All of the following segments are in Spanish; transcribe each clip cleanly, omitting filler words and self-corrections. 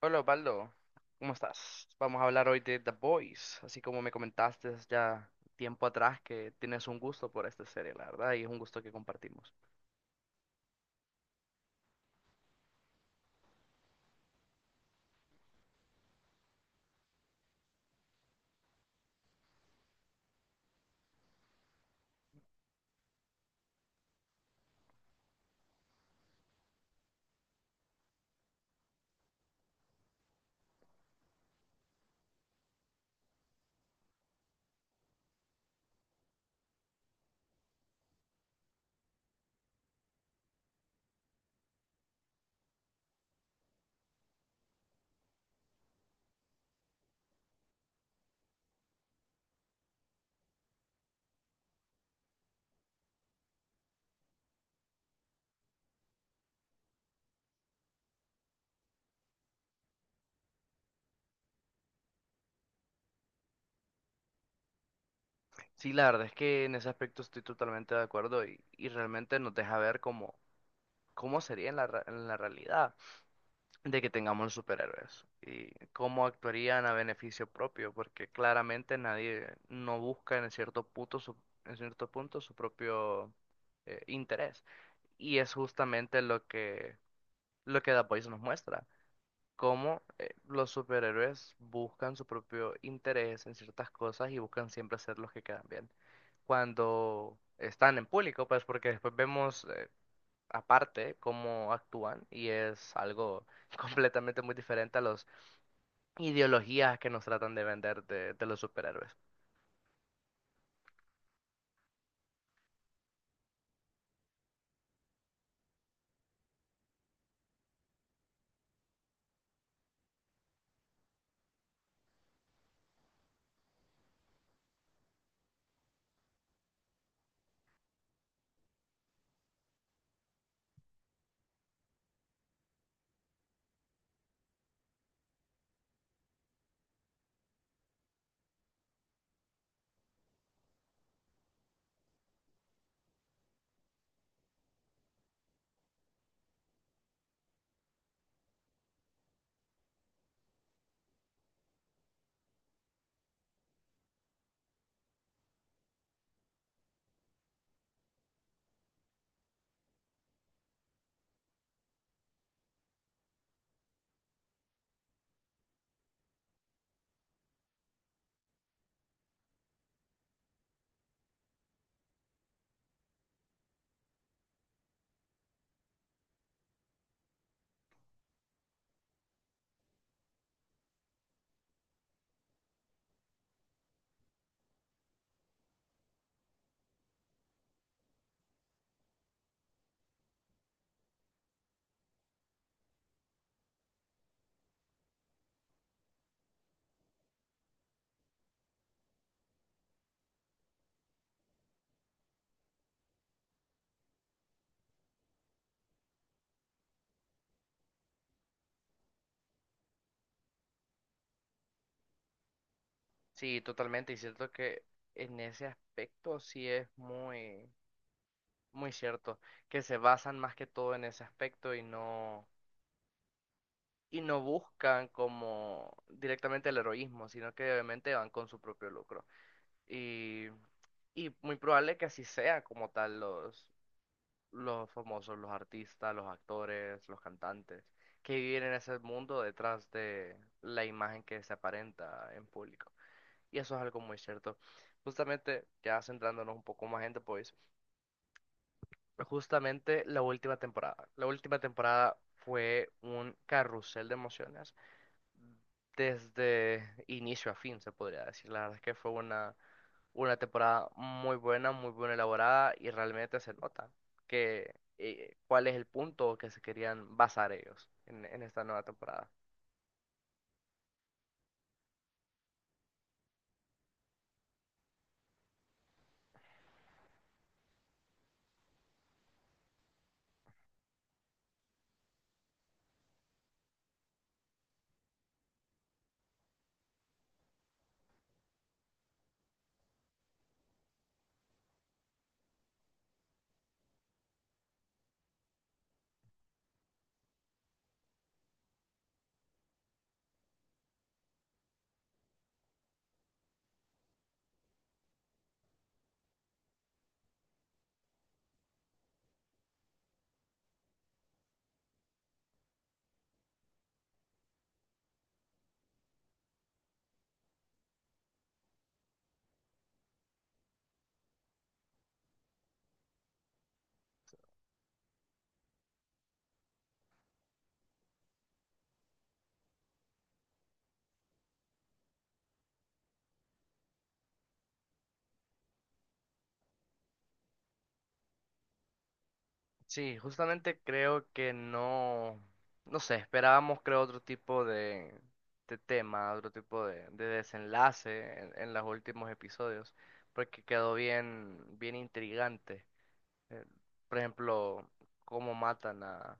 Hola Osvaldo, ¿cómo estás? Vamos a hablar hoy de The Boys, así como me comentaste ya tiempo atrás que tienes un gusto por esta serie, la verdad, y es un gusto que compartimos. Sí, la verdad es que en ese aspecto estoy totalmente de acuerdo y realmente nos deja ver cómo, cómo sería en en la realidad de que tengamos superhéroes y cómo actuarían a beneficio propio, porque claramente nadie no busca en cierto punto su, en cierto punto su propio interés. Y es justamente lo que lo que The Voice nos muestra, cómo los superhéroes buscan su propio interés en ciertas cosas y buscan siempre hacer los que quedan bien cuando están en público, pues porque después vemos aparte cómo actúan y es algo completamente muy diferente a las ideologías que nos tratan de vender de los superhéroes. Sí, totalmente, y cierto que en ese aspecto sí es muy, muy cierto, que se basan más que todo en ese aspecto y no buscan como directamente el heroísmo, sino que obviamente van con su propio lucro. Y, y muy probable que así sea como tal los famosos, los artistas, los actores, los cantantes, que viven en ese mundo detrás de la imagen que se aparenta en público. Y eso es algo muy cierto. Justamente, ya centrándonos un poco más en The Voice, justamente la última temporada. La última temporada fue un carrusel de emociones desde inicio a fin, se podría decir. La verdad es que fue una temporada muy buena, muy bien elaborada y realmente se nota que cuál es el punto que se querían basar ellos en esta nueva temporada. Sí, justamente creo que no, no sé, esperábamos creo otro tipo de tema, otro tipo de desenlace en los últimos episodios, porque quedó bien, bien intrigante eh, por ejemplo, cómo matan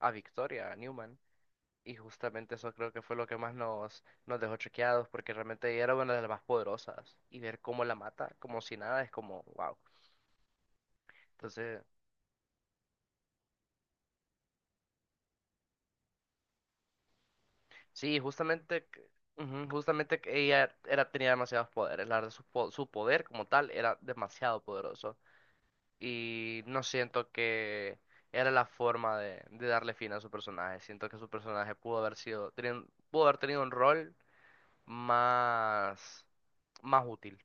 a Victoria, a Newman. Y justamente eso creo que fue lo que más nos dejó choqueados, porque realmente ella era una de las más poderosas. Y ver cómo la mata, como si nada, es como, wow. Entonces, sí, justamente, ujú, justamente que ella era, tenía demasiados poderes. La verdad, su poder como tal era demasiado poderoso. Y no siento que era la forma de darle fin a su personaje. Siento que su personaje pudo haber sido, pudo haber tenido un rol más, más útil.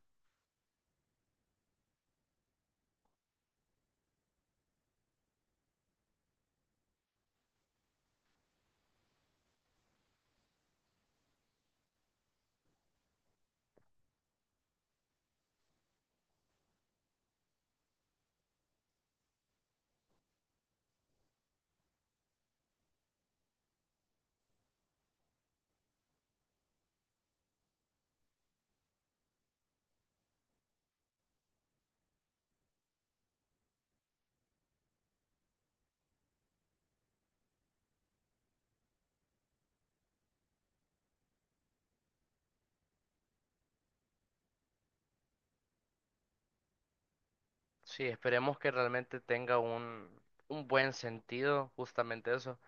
Sí, esperemos que realmente tenga un buen sentido, justamente eso,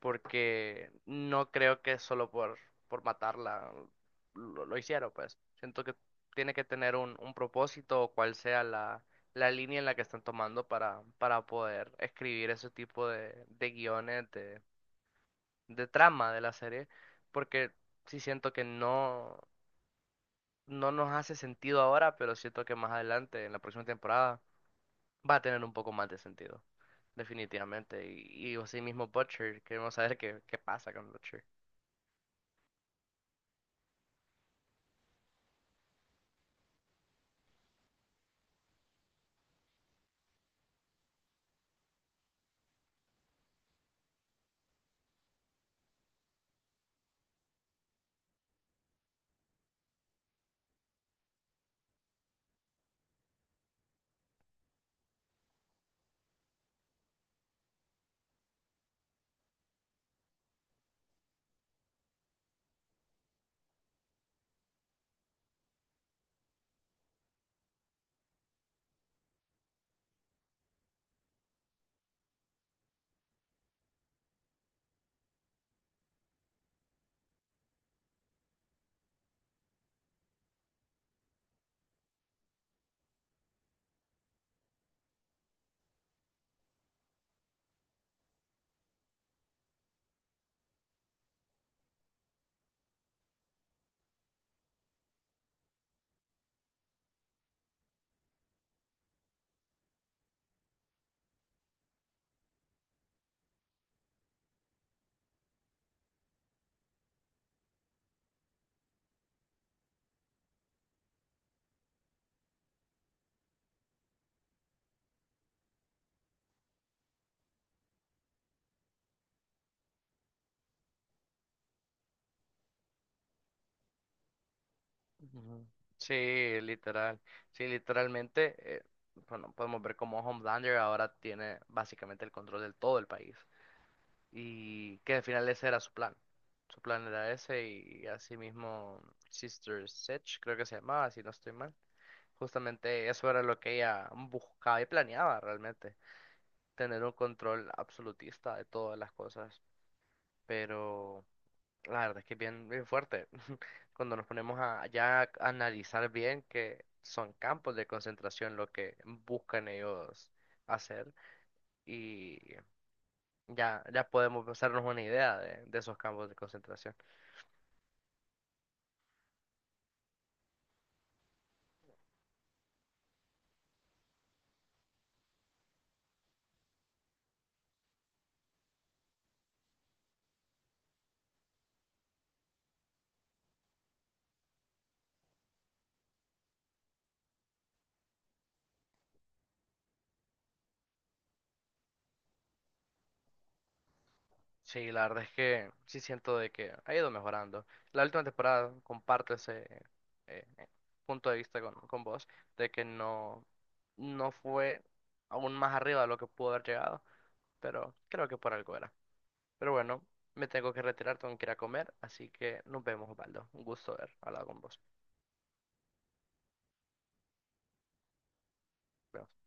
porque no creo que solo por matarla lo hicieron, pues. Siento que tiene que tener un propósito o cual sea la, la línea en la que están tomando para poder escribir ese tipo de guiones, de trama de la serie, porque sí siento que no. No nos hace sentido ahora, pero siento que más adelante, en la próxima temporada, va a tener un poco más de sentido. Definitivamente. Y así mismo Butcher, queremos saber qué, qué pasa con Butcher. Ujú. Sí, literal. Sí, literalmente, bueno, podemos ver cómo Homelander ahora tiene básicamente el control de todo el país. Y que al final ese era su plan. Su plan era ese y así mismo Sister Sedge, creo que se llamaba, si no estoy mal. Justamente eso era lo que ella buscaba y planeaba realmente, tener un control absolutista de todas las cosas. Pero la verdad es que es bien, bien fuerte. Cuando nos ponemos a ya a analizar bien que son campos de concentración lo que buscan ellos hacer. Y ya, ya podemos hacernos una idea de esos campos de concentración. Sí, la verdad es que sí siento de que ha ido mejorando. La última temporada comparto ese eh, eh, punto de vista con vos, de que no, no fue aún más arriba de lo que pudo haber llegado, pero creo que por algo era. Pero bueno, me tengo que retirar, tengo que ir a comer, así que nos vemos, Osvaldo. Un gusto haber hablado con vos. Nos vemos.